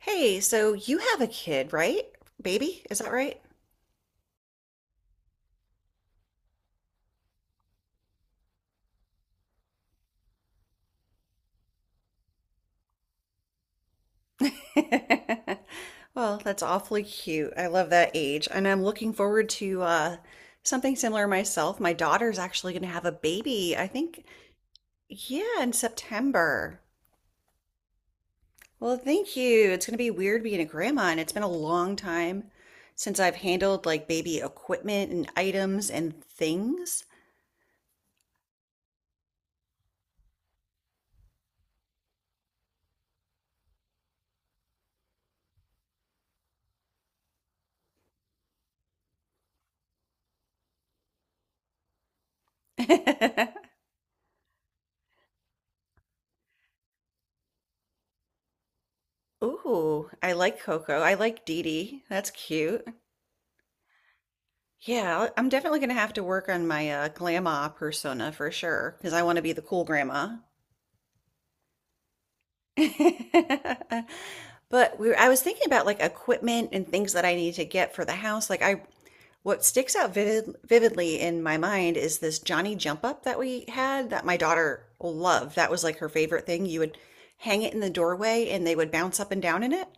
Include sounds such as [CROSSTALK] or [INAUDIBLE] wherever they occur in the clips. Hey, so you have a kid, right? Baby, is that right? [LAUGHS] Well, that's awfully cute. I love that age, and I'm looking forward to something similar myself. My daughter's actually going to have a baby, I think, yeah, in September. Well, thank you. It's going to be weird being a grandma, and it's been a long time since I've handled like baby equipment and items and things. [LAUGHS] Ooh, I like Coco. I like Dee Dee. That's cute. Yeah, I'm definitely gonna have to work on my grandma persona for sure because I want to be the cool grandma. [LAUGHS] But I was thinking about like equipment and things that I need to get for the house. What sticks out vividly in my mind is this Johnny jump up that we had that my daughter loved. That was like her favorite thing. You would hang it in the doorway and they would bounce up and down in it.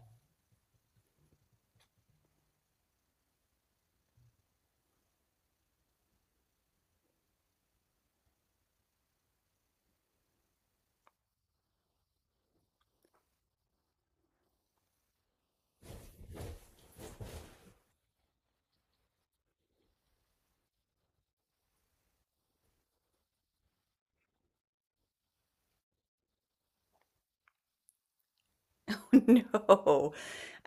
[LAUGHS] No,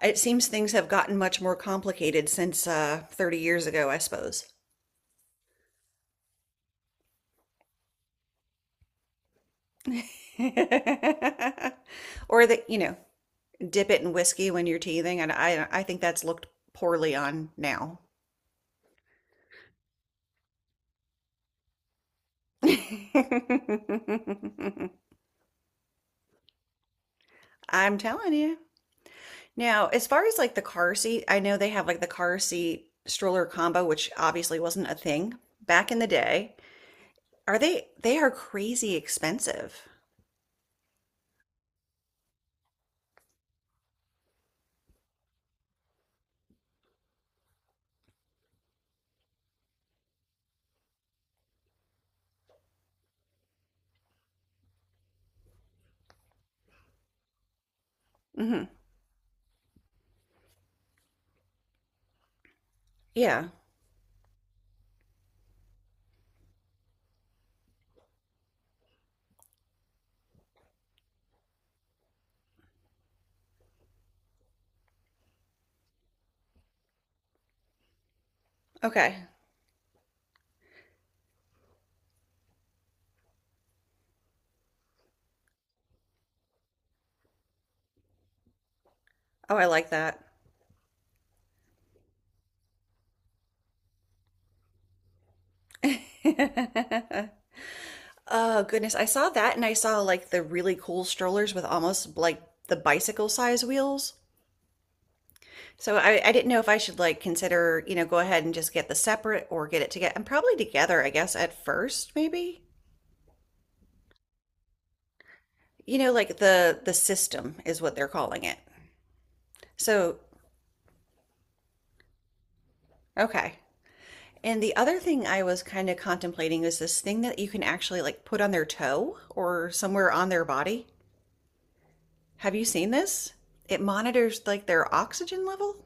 it seems things have gotten much more complicated since 30 years ago, I suppose. [LAUGHS] Or that, you know, dip it in whiskey when you're teething, and I think that's looked poorly on now. [LAUGHS] I'm telling you. Now, as far as like the car seat, I know they have like the car seat stroller combo, which obviously wasn't a thing back in the day. Are they are crazy expensive. hmm Yeah. Okay. Oh, I like that. [LAUGHS] Oh goodness, I saw that and I saw like the really cool strollers with almost like the bicycle size wheels. So I didn't know if I should like consider, you know, go ahead and just get the separate or get it together. And probably together, I guess, at first, maybe. You know, like the system is what they're calling it. So, okay. And the other thing I was kind of contemplating is this thing that you can actually like put on their toe or somewhere on their body. Have you seen this? It monitors like their oxygen level.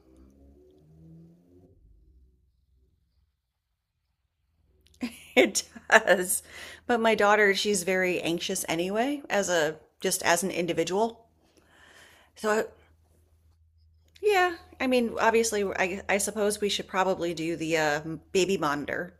[LAUGHS] It does. But my daughter, she's very anxious anyway, as a just as an individual. So yeah, I mean, obviously, I suppose we should probably do the baby monitor.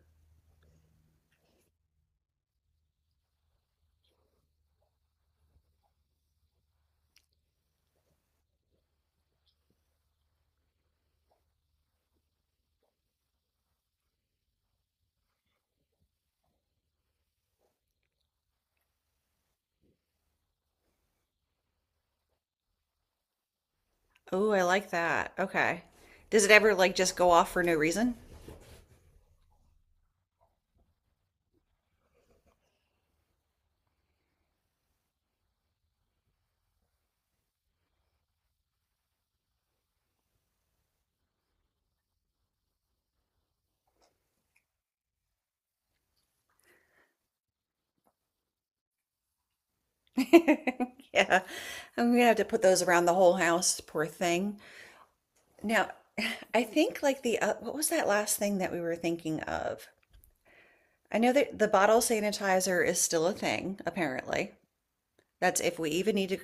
Oh, I like that. Okay. Does it ever like just go off for no reason? [LAUGHS] Yeah. I'm gonna have to put those around the whole house, poor thing. Now, [LAUGHS] I think like the what was that last thing that we were thinking of? I know that the bottle sanitizer is still a thing, apparently. That's if we even need to.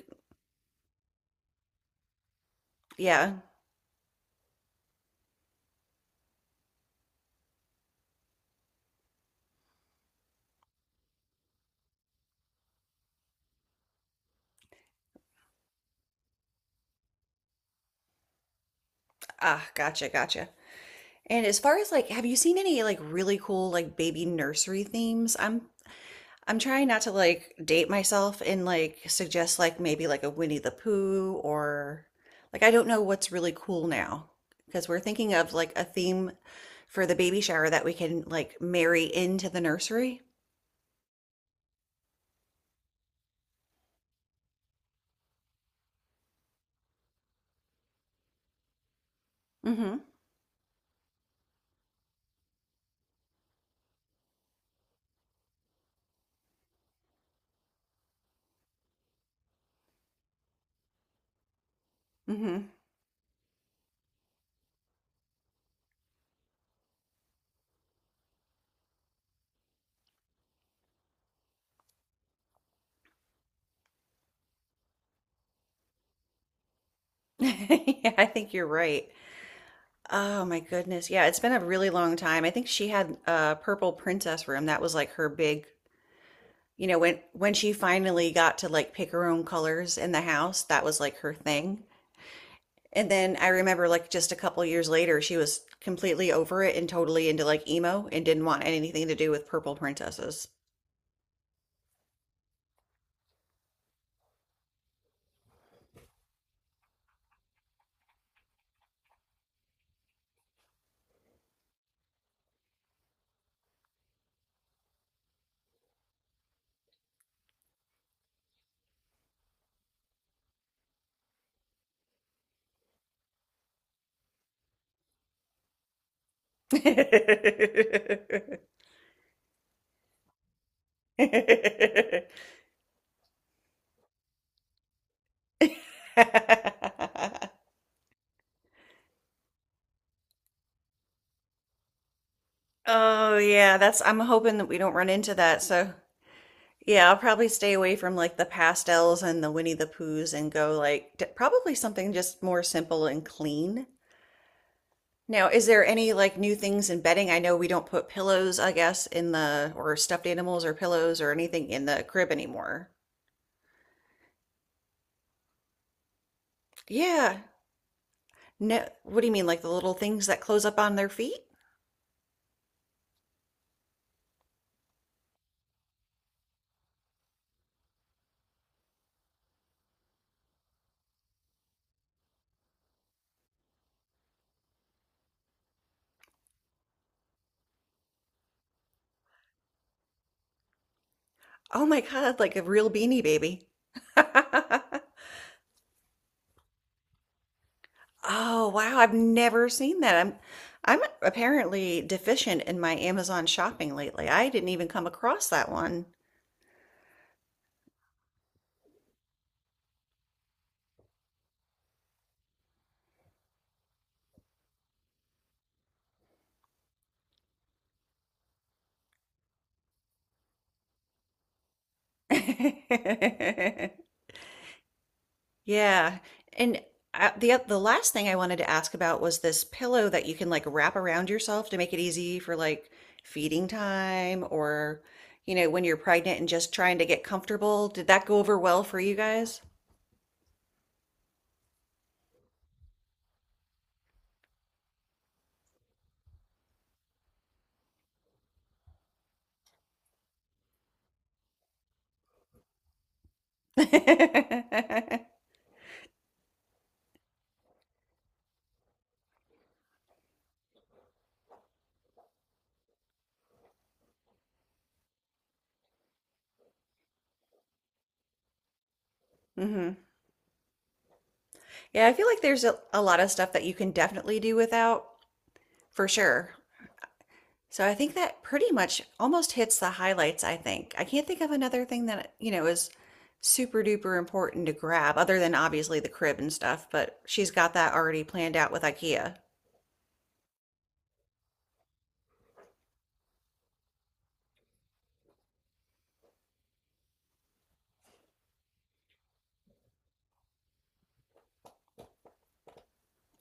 Yeah. Ah, gotcha, gotcha. And as far as like, have you seen any like really cool like baby nursery themes? I'm trying not to like date myself and like suggest like maybe like a Winnie the Pooh or like I don't know what's really cool now because we're thinking of like a theme for the baby shower that we can like marry into the nursery. Mm-hmm. Mm-hmm. [LAUGHS] Yeah, I think you're right. Oh my goodness. Yeah, it's been a really long time. I think she had a purple princess room. That was like her big, you know, when she finally got to like pick her own colors in the house, that was like her thing. And then I remember like just a couple years later, she was completely over it and totally into like emo and didn't want anything to do with purple princesses. [LAUGHS] Oh yeah, that's I'm hoping that we don't run into that. So yeah, I'll probably stay away from like the pastels and the Winnie the Poohs and go like d probably something just more simple and clean. Now, is there any like new things in bedding? I know we don't put pillows, I guess, in the or stuffed animals or pillows or anything in the crib anymore. Yeah. No, what do you mean, like the little things that close up on their feet? Oh my God, like a real beanie baby. [LAUGHS] Oh wow, I've never seen that. I'm apparently deficient in my Amazon shopping lately. I didn't even come across that one. [LAUGHS] Yeah. And the last thing I wanted to ask about was this pillow that you can like wrap around yourself to make it easy for like feeding time or, you know, when you're pregnant and just trying to get comfortable. Did that go over well for you guys? [LAUGHS] hmm Yeah, I feel like there's a lot of stuff that you can definitely do without, for sure. So I think that pretty much almost hits the highlights, I think. I can't think of another thing that, you know, is super duper important to grab, other than obviously the crib and stuff, but she's got that already planned out with IKEA.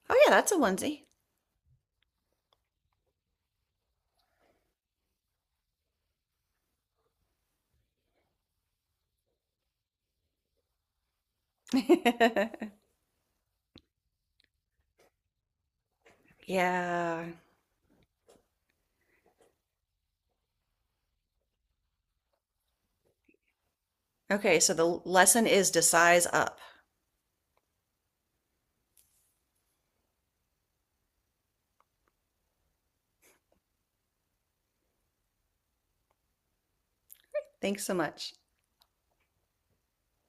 Oh, yeah, that's a onesie. [LAUGHS] Yeah. Okay, so the lesson is to size up. Thanks so much.